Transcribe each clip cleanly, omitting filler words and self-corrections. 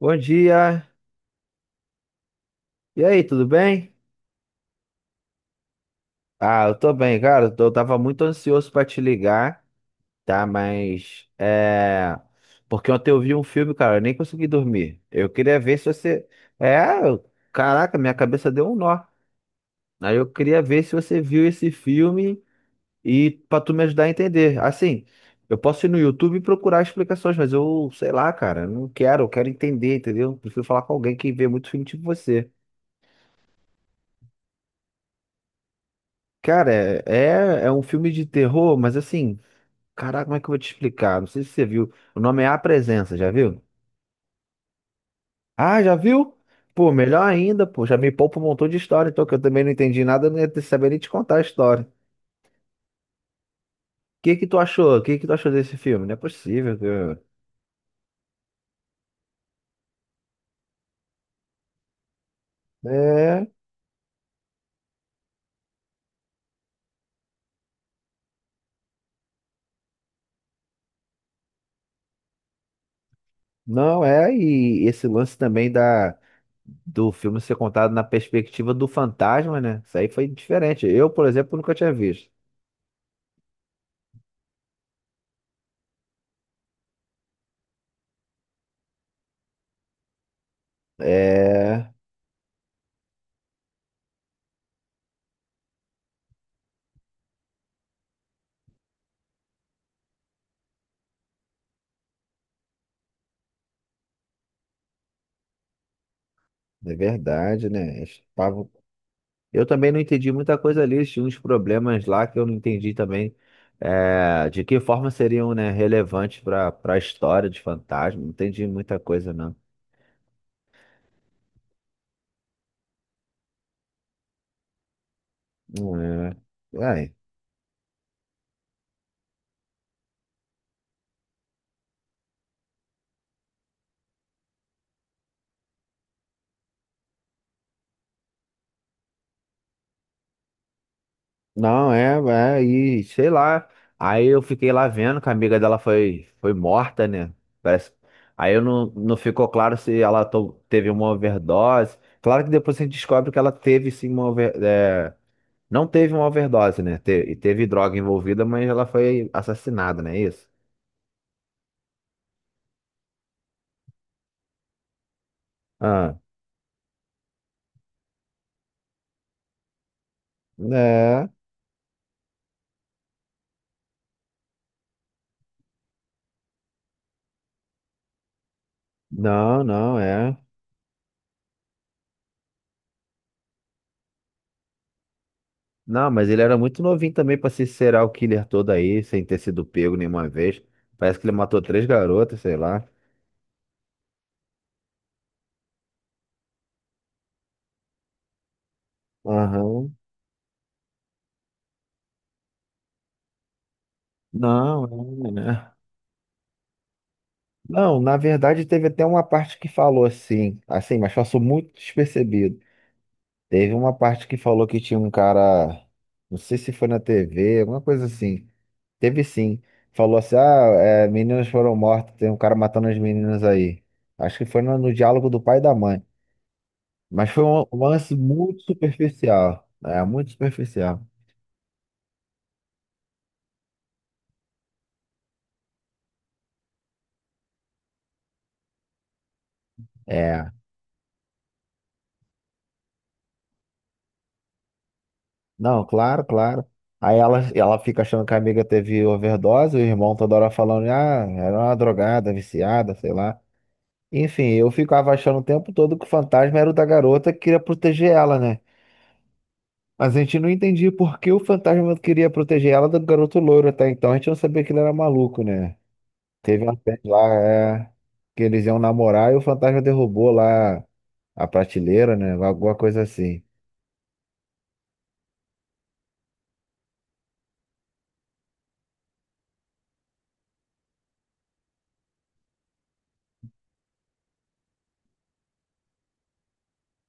Bom dia. E aí, tudo bem? Ah, eu tô bem, cara. Eu tava muito ansioso pra te ligar, tá? Mas é porque ontem eu vi um filme, cara, eu nem consegui dormir. Eu queria ver se você... É, eu- Caraca, minha cabeça deu um nó. Aí eu queria ver se você viu esse filme e pra tu me ajudar a entender. Assim, eu posso ir no YouTube e procurar explicações, mas eu, sei lá, cara, eu não quero, eu quero entender, entendeu? Prefiro falar com alguém que vê muito filme tipo você. Cara, é um filme de terror, mas assim, caraca, como é que eu vou te explicar? Não sei se você viu. O nome é A Presença, já viu? Ah, já viu? Pô, melhor ainda, pô, já me poupa um montão de história, então que eu também não entendi nada, eu saber nem te contar a história. O que que tu achou? O que que tu achou desse filme? Não é possível, cara. É, não é, e esse lance também da do filme ser contado na perspectiva do fantasma, né? Isso aí foi diferente. Eu, por exemplo, nunca tinha visto. É, é verdade, né? Eu também não entendi muita coisa ali, tinha uns problemas lá que eu não entendi também, é, de que forma seriam, né, relevantes para a história de Fantasma. Não entendi muita coisa, não. Não é. É. Não, é, é, e sei lá. Aí eu fiquei lá vendo que a amiga dela foi morta, né? Parece. Aí eu não, não ficou claro se teve uma overdose. Claro que depois a gente descobre que ela teve sim uma overdose. Não teve uma overdose, né? E teve droga envolvida, mas ela foi assassinada, não é isso? Ah, é. Não, não, é. Não, mas ele era muito novinho também pra ser serial killer todo aí, sem ter sido pego nenhuma vez. Parece que ele matou três garotas, sei lá. Aham. Não, é, né? Não, na verdade teve até uma parte que falou assim, assim, mas passou muito despercebido. Teve uma parte que falou que tinha um cara, não sei se foi na TV, alguma coisa assim, teve sim. Falou assim: ah, é, meninas foram mortas, tem um cara matando as meninas aí. Acho que foi no diálogo do pai e da mãe. Mas foi um lance muito superficial. É, muito superficial. É. Não, claro, claro. Aí ela fica achando que a amiga teve overdose, o irmão toda hora falando, ah, era uma drogada, viciada, sei lá. Enfim, eu ficava achando o tempo todo que o fantasma era o da garota que queria proteger ela, né? Mas a gente não entendia por que o fantasma queria proteger ela do garoto louro até então. A gente não sabia que ele era maluco, né? Teve uma vez lá, é, que eles iam namorar e o fantasma derrubou lá a prateleira, né? Alguma coisa assim.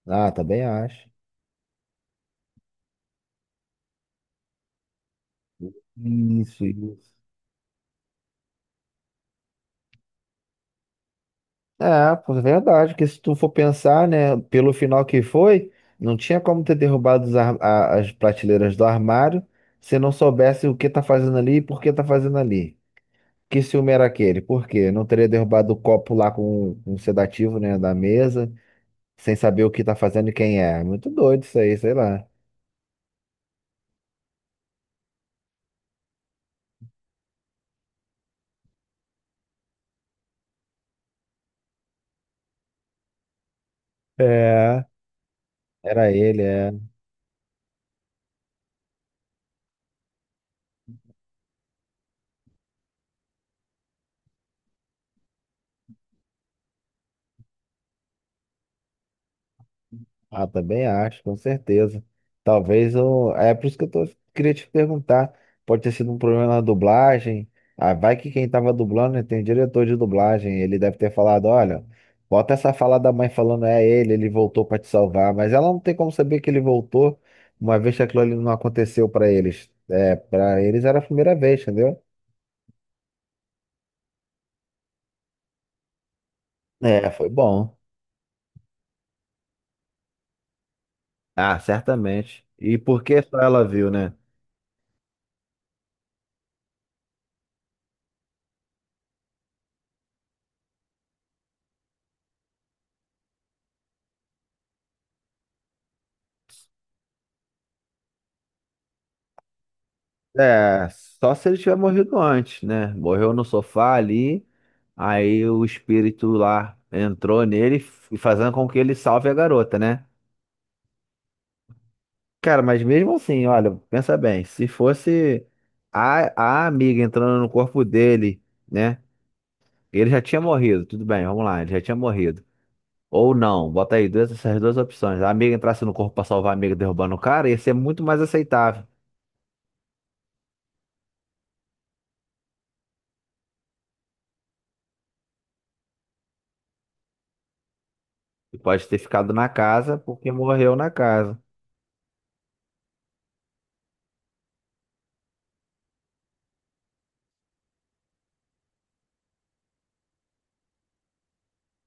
Ah, também acho. Isso, isso. É, pô, é verdade, porque se tu for pensar, né, pelo final que foi, não tinha como ter derrubado as prateleiras do armário se não soubesse o que tá fazendo ali e por que tá fazendo ali. Que ciúme era aquele? Por quê? Não teria derrubado o copo lá com um sedativo, né, da mesa, sem saber o que tá fazendo e quem é. Muito doido isso aí, sei lá. É. Era ele, é. Ah, também acho, com certeza. Talvez eu... É por isso que eu tô... queria te perguntar. Pode ter sido um problema na dublagem. Ah, vai que quem tava dublando, né, tem um diretor de dublagem. Ele deve ter falado: olha, bota essa fala da mãe falando, é ele, ele voltou pra te salvar. Mas ela não tem como saber que ele voltou, uma vez que aquilo ali não aconteceu pra eles. É, para eles era a primeira vez, entendeu? É, foi bom. Ah, certamente. E por que só ela viu, né? É, só se ele tiver morrido antes, né? Morreu no sofá ali, aí o espírito lá entrou nele, fazendo com que ele salve a garota, né? Cara, mas mesmo assim, olha, pensa bem, se fosse a amiga entrando no corpo dele, né? Ele já tinha morrido, tudo bem, vamos lá, ele já tinha morrido. Ou não, bota aí duas, essas duas opções. A amiga entrasse no corpo pra salvar a amiga derrubando o cara, ia ser muito mais aceitável. E pode ter ficado na casa porque morreu na casa.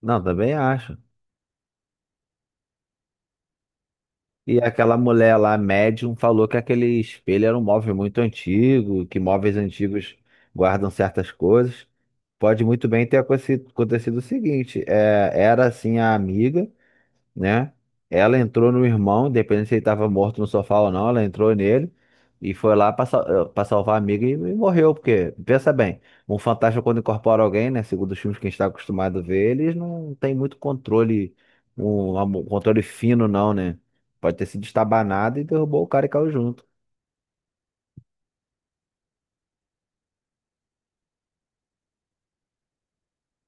Não, também acho. E aquela mulher lá, médium, falou que aquele espelho era um móvel muito antigo, que móveis antigos guardam certas coisas. Pode muito bem ter acontecido o seguinte: é, era assim a amiga, né? Ela entrou no irmão, independente se ele estava morto no sofá ou não, ela entrou nele e foi lá para salvar a amiga e morreu, porque, pensa bem, um fantasma quando incorpora alguém, né? Segundo os filmes que a gente está acostumado a ver, eles não têm muito controle, um controle fino, não, né? Pode ter sido estabanado e derrubou o cara e caiu junto.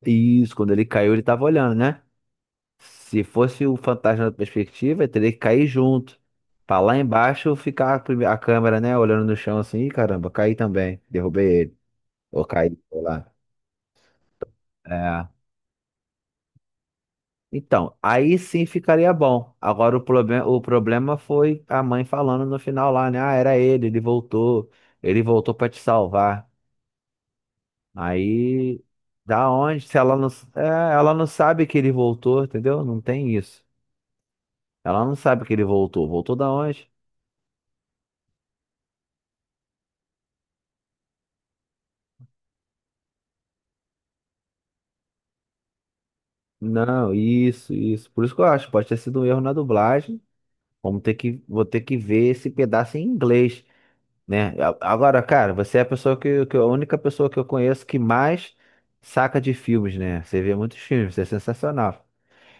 E isso, quando ele caiu, ele tava olhando, né? Se fosse o fantasma da perspectiva, eu teria que cair junto. Pra lá embaixo ficar a câmera, né? Olhando no chão assim: "Ih, caramba, caí também. Derrubei ele. Ou caí, sei lá." É. Então, aí sim ficaria bom. Agora o problema foi a mãe falando no final lá, né? Ah, era ele, ele voltou. Ele voltou pra te salvar. Aí, da onde? Se ela não, é, ela não sabe que ele voltou, entendeu? Não tem isso. Ela não sabe que ele voltou. Voltou da onde? Não, isso, isso. Por isso que eu acho, pode ter sido um erro na dublagem. Vamos ter que, vou ter que ver esse pedaço em inglês, né? Agora, cara, você é a pessoa que a única pessoa que eu conheço que mais saca de filmes, né? Você vê muitos filmes, isso é sensacional.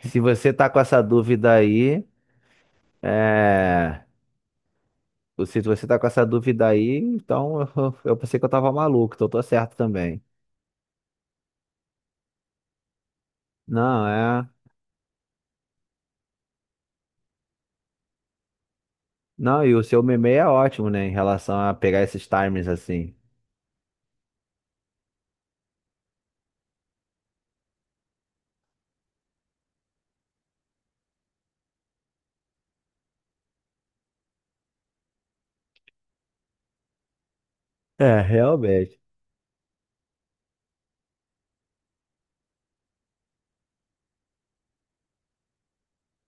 Se você tá com essa dúvida aí, é... se você tá com essa dúvida aí, então eu pensei que eu tava maluco, então eu tô certo também. Não, é. Não, e o seu meme é ótimo, né? Em relação a pegar esses timers assim. É, realmente.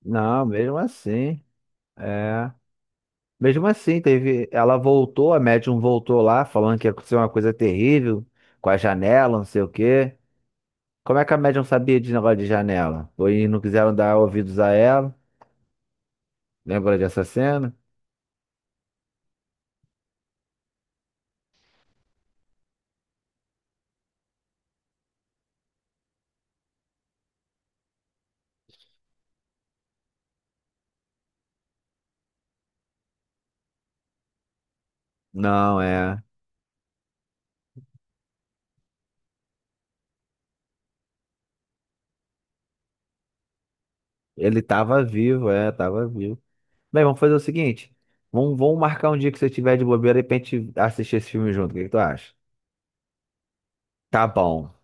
Não, mesmo assim, é. Mesmo assim, teve. Ela voltou, a médium voltou lá, falando que ia acontecer uma coisa terrível com a janela, não sei o quê. Como é que a médium sabia de negócio de janela? Foi, não quiseram dar ouvidos a ela. Lembra dessa cena? Não, é. Ele tava vivo, é, tava vivo. Bem, vamos fazer o seguinte. Vamos marcar um dia que você estiver de bobeira e pra gente assistir esse filme junto. O que que tu acha? Tá bom.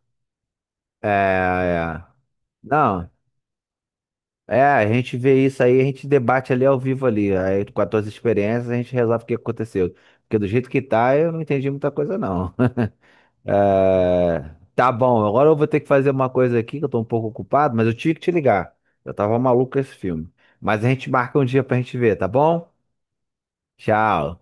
É, é. Não. É, a gente vê isso aí, a gente debate ali ao vivo ali. Aí com as tuas experiências a gente resolve o que aconteceu. Porque do jeito que tá, eu não entendi muita coisa, não. É, tá bom, agora eu vou ter que fazer uma coisa aqui que eu tô um pouco ocupado, mas eu tive que te ligar. Eu tava maluco com esse filme. Mas a gente marca um dia pra gente ver, tá bom? Tchau.